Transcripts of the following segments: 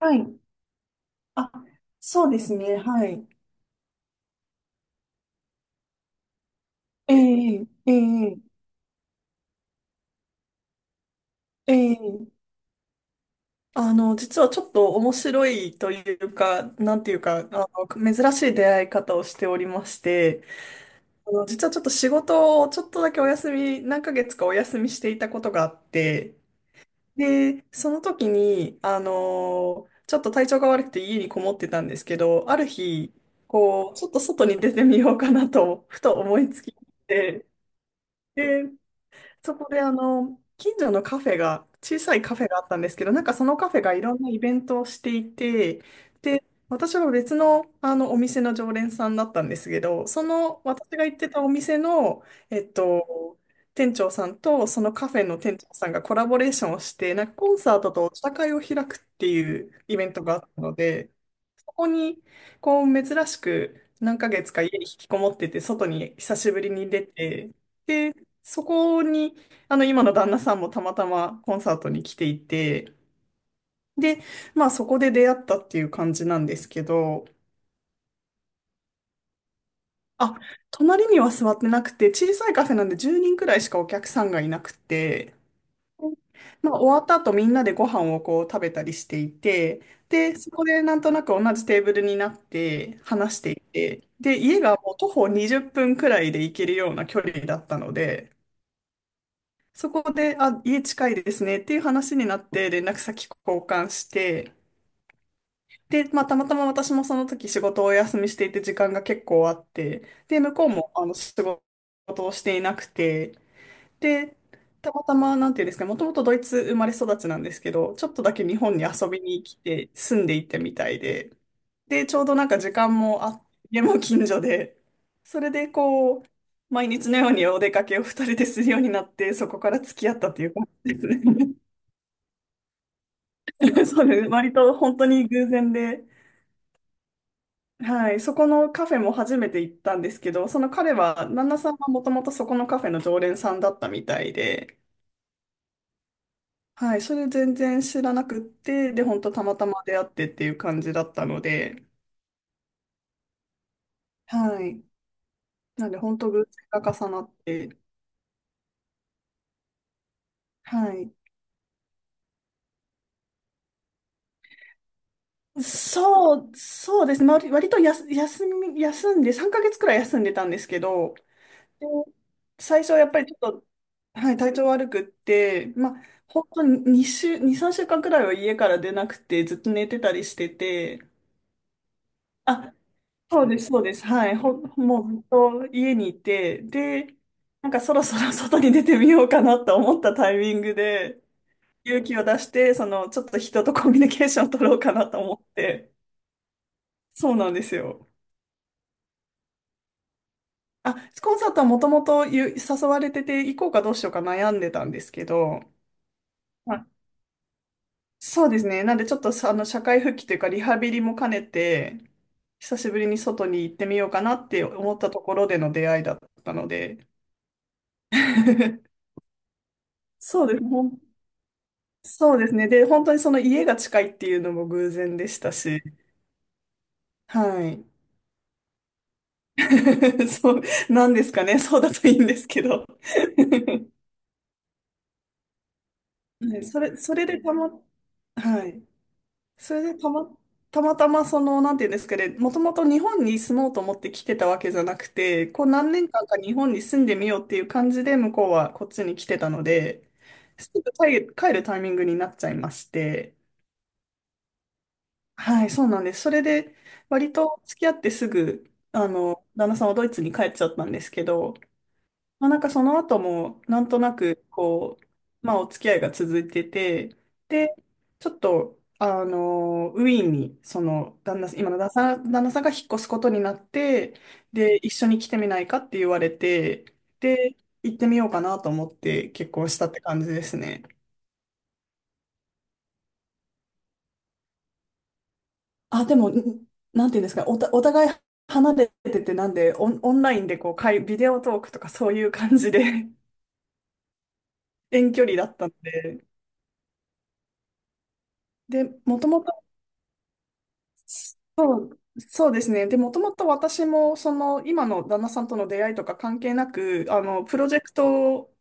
はい。あ、そうですね。はい。ええええええ実はちょっと面白いというか、なんていうか、珍しい出会い方をしておりまして、実はちょっと仕事をちょっとだけお休み、何ヶ月かお休みしていたことがあって、で、その時に、ちょっと体調が悪くて家にこもってたんですけど、ある日、こう、ちょっと外に出てみようかなと、ふと思いつきで、でそこで近所のカフェが、小さいカフェがあったんですけど、なんかそのカフェがいろんなイベントをしていて、で、私は別の、あのお店の常連さんだったんですけど、その私が行ってたお店の、えっと、店長さんとそのカフェの店長さんがコラボレーションをして、なんかコンサートとお茶会を開くっていうイベントがあったので、ここに、こう、珍しく何ヶ月か家に引きこもってて、外に久しぶりに出て、で、そこに、今の旦那さんもたまたまコンサートに来ていて、で、まあそこで出会ったっていう感じなんですけど、あ、隣には座ってなくて、小さいカフェなんで10人くらいしかお客さんがいなくて、まあ、終わった後みんなでご飯をこう食べたりしていて、で、そこでなんとなく同じテーブルになって話していて、で、家がもう徒歩20分くらいで行けるような距離だったので、そこで、あ、家近いですねっていう話になって連絡先交換して、で、まあ、たまたま私もその時仕事をお休みしていて時間が結構あって、で、向こうも仕事をしていなくて、で、たまたま、なんていうんですかね、もともとドイツ生まれ育ちなんですけど、ちょっとだけ日本に遊びに来て、住んでいたみたいで、で、ちょうどなんか時間もあって、家も近所で、それでこう、毎日のようにお出かけを二人でするようになって、そこから付き合ったという感じですね。そうです。割と本当に偶然で、はい、そこのカフェも初めて行ったんですけど、その彼は、旦那さんはもともとそこのカフェの常連さんだったみたいで、はい、それ全然知らなくって、で、本当たまたま出会ってっていう感じだったので、はい。なんで、本当偶然が重なって、はい。そう、そうですね。まあ割とやす休み、休んで、3ヶ月くらい休んでたんですけど、で最初はやっぱりちょっと、はい、体調悪くって、まあ、本当に2週、2、3週間くらいは家から出なくて、ずっと寝てたりしてて、あ、そうです、そうです。はい。もうずっと家にいて、で、なんかそろそろ 外に出てみようかなと思ったタイミングで、勇気を出して、ちょっと人とコミュニケーションを取ろうかなと思って、そうなんですよ。あ、コンサートはもともと誘われてて、行こうかどうしようか悩んでたんですけど、あ、そうですね。なんでちょっとさあの、社会復帰というか、リハビリも兼ねて、久しぶりに外に行ってみようかなって思ったところでの出会いだったので、そうです。そうですね。で、本当にその家が近いっていうのも偶然でしたし、はい。そう、なんですかね。そうだといいんですけど。はい、それ、それでたま、はい。それでたま、たまたまその、なんていうんですかね、もともと日本に住もうと思って来てたわけじゃなくて、こう何年間か日本に住んでみようっていう感じで、向こうはこっちに来てたので、すぐ帰るタイミングになっちゃいまして、はい、そうなんです。それで、割と付き合ってすぐ、旦那さんはドイツに帰っちゃったんですけど、まあ、なんかその後も、なんとなく、こう、まあ、お付き合いが続いてて、で、ちょっと、ウィーンに、その、旦那さん、今の旦那さんが引っ越すことになって、で、一緒に来てみないかって言われて、で、行ってみようかなと思って結婚したって感じですね。あ、でも、なんていうんですか、お互い離れてて、なんで、オンラインでこう、ビデオトークとかそういう感じで 遠距離だったんで、で、もともと、そそうですね。で、もともと私も、その、今の旦那さんとの出会いとか関係なく、あの、プロジェクト、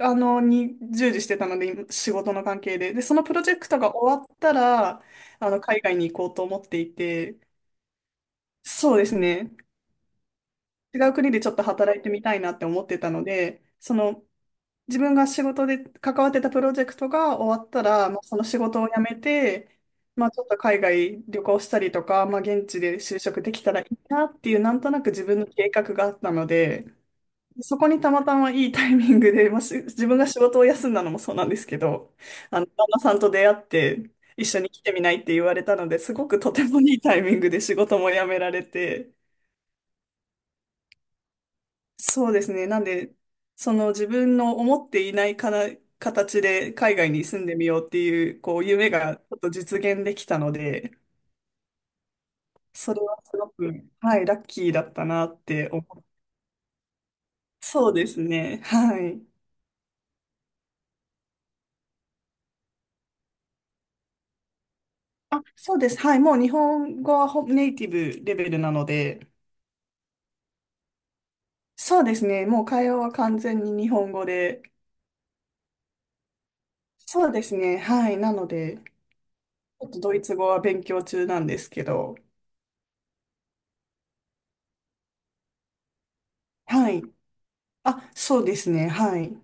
あの、に従事してたので、仕事の関係で。で、そのプロジェクトが終わったら、海外に行こうと思っていて、そうですね。違う国でちょっと働いてみたいなって思ってたので、その、自分が仕事で関わってたプロジェクトが終わったら、まあ、その仕事を辞めて、まあ、ちょっと海外旅行したりとか、まあ、現地で就職できたらいいなっていう、なんとなく自分の計画があったので、そこにたまたまいいタイミングで、まあ、自分が仕事を休んだのもそうなんですけど、旦那さんと出会って、一緒に来てみないって言われたので、すごくとてもいいタイミングで仕事も辞められて、そうですね。なんで、その自分の思っていないかな形で海外に住んでみようっていう、こう、夢がちょっと実現できたので、それはすごく、はい、ラッキーだったなって思う。そうですね。はい。あ、そうです。はい。もう日本語はネイティブレベルなので、そうですね。もう会話は完全に日本語で、そうですね。はい。なので、ちょっとドイツ語は勉強中なんですけど、はい。あ、そうですね。はい。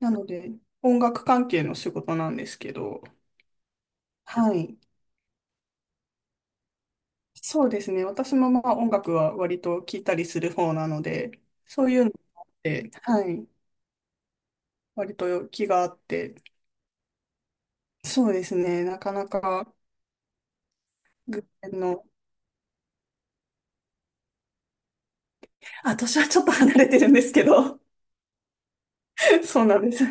なので、音楽関係の仕事なんですけど、はい。そうですね。私もまあ音楽は割と聴いたりする方なので、そういうのもあって、はい。割と気があって、そうですね。なかなか偶然の、あ、年はちょっと離れてるんですけど、そうなんです。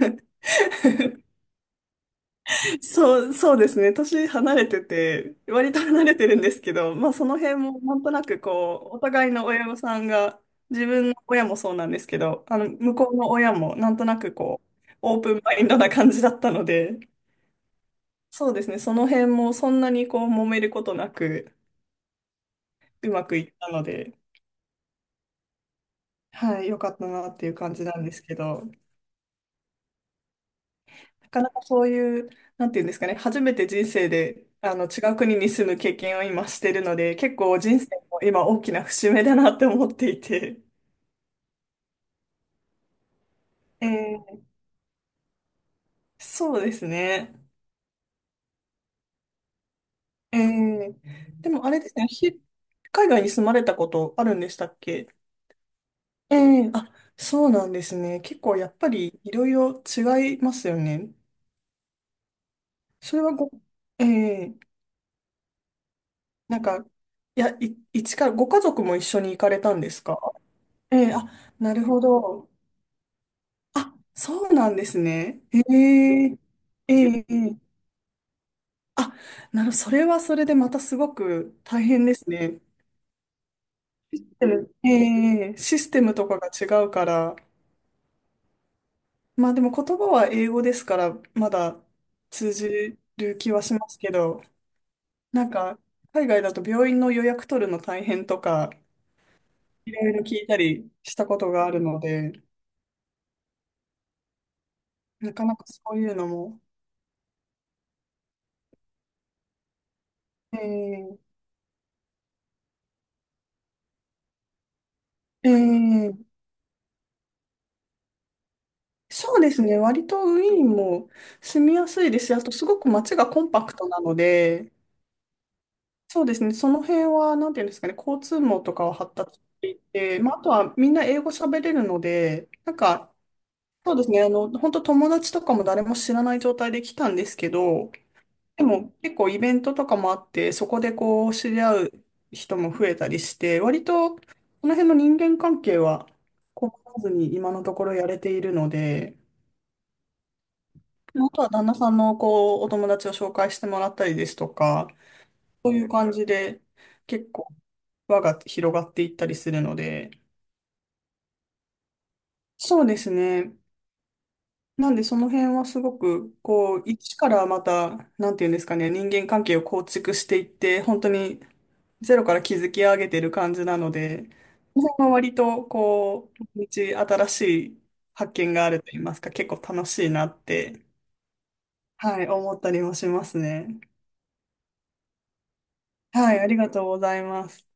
そう、そうですね。年離れてて、割と離れてるんですけど、まあその辺もなんとなくこう、お互いの親御さんが、自分の親もそうなんですけど、向こうの親もなんとなくこう、オープンマインドな感じだったので、そうですね。その辺もそんなにこう、揉めることなく、うまくいったので、はい、良かったなっていう感じなんですけど。なかなかそういう、なんていうんですかね、初めて人生で違う国に住む経験を今してるので、結構人生も今大きな節目だなって思っていて。えーそうですね。えーでもあれですね、海外に住まれたことあるんでしたっけ？ええ、あ、そうなんですね。結構やっぱりいろいろ違いますよね。それはご、ええ、なんか、いや、一から、ご家族も一緒に行かれたんですか？ええ、あ、なるほど。あ、そうなんですね。ええええええ、あ、なるほど、それはそれでまたすごく大変ですね。システム、えシステムとかが違うから。まあでも言葉は英語ですから、まだ通じる気はしますけど、なんか、海外だと病院の予約取るの大変とか、いろいろ聞いたりしたことがあるので、なかなかそういうのも、ええええ、そうですね。割とウィーンも住みやすいですし、あとすごく街がコンパクトなので、そうですね。その辺は、なんていうんですかね、交通網とかは発達していて、まあ、あとはみんな英語喋れるので、なんか、そうですね。本当友達とかも誰も知らない状態で来たんですけど、でも結構イベントとかもあって、そこでこう知り合う人も増えたりして、割とこの辺の人間関係は困らずに今のところやれているので、あとは旦那さんのこう、お友達を紹介してもらったりですとか、そういう感じで結構輪が広がっていったりするので、そうですね。なんでその辺はすごく、こう、一からまた、なんていうんですかね、人間関係を構築していって、本当にゼロから築き上げてる感じなので、その辺は割と、こう、毎日新しい発見があると言いますか、結構楽しいなって、はい、思ったりもしますね。はい、ありがとうございます。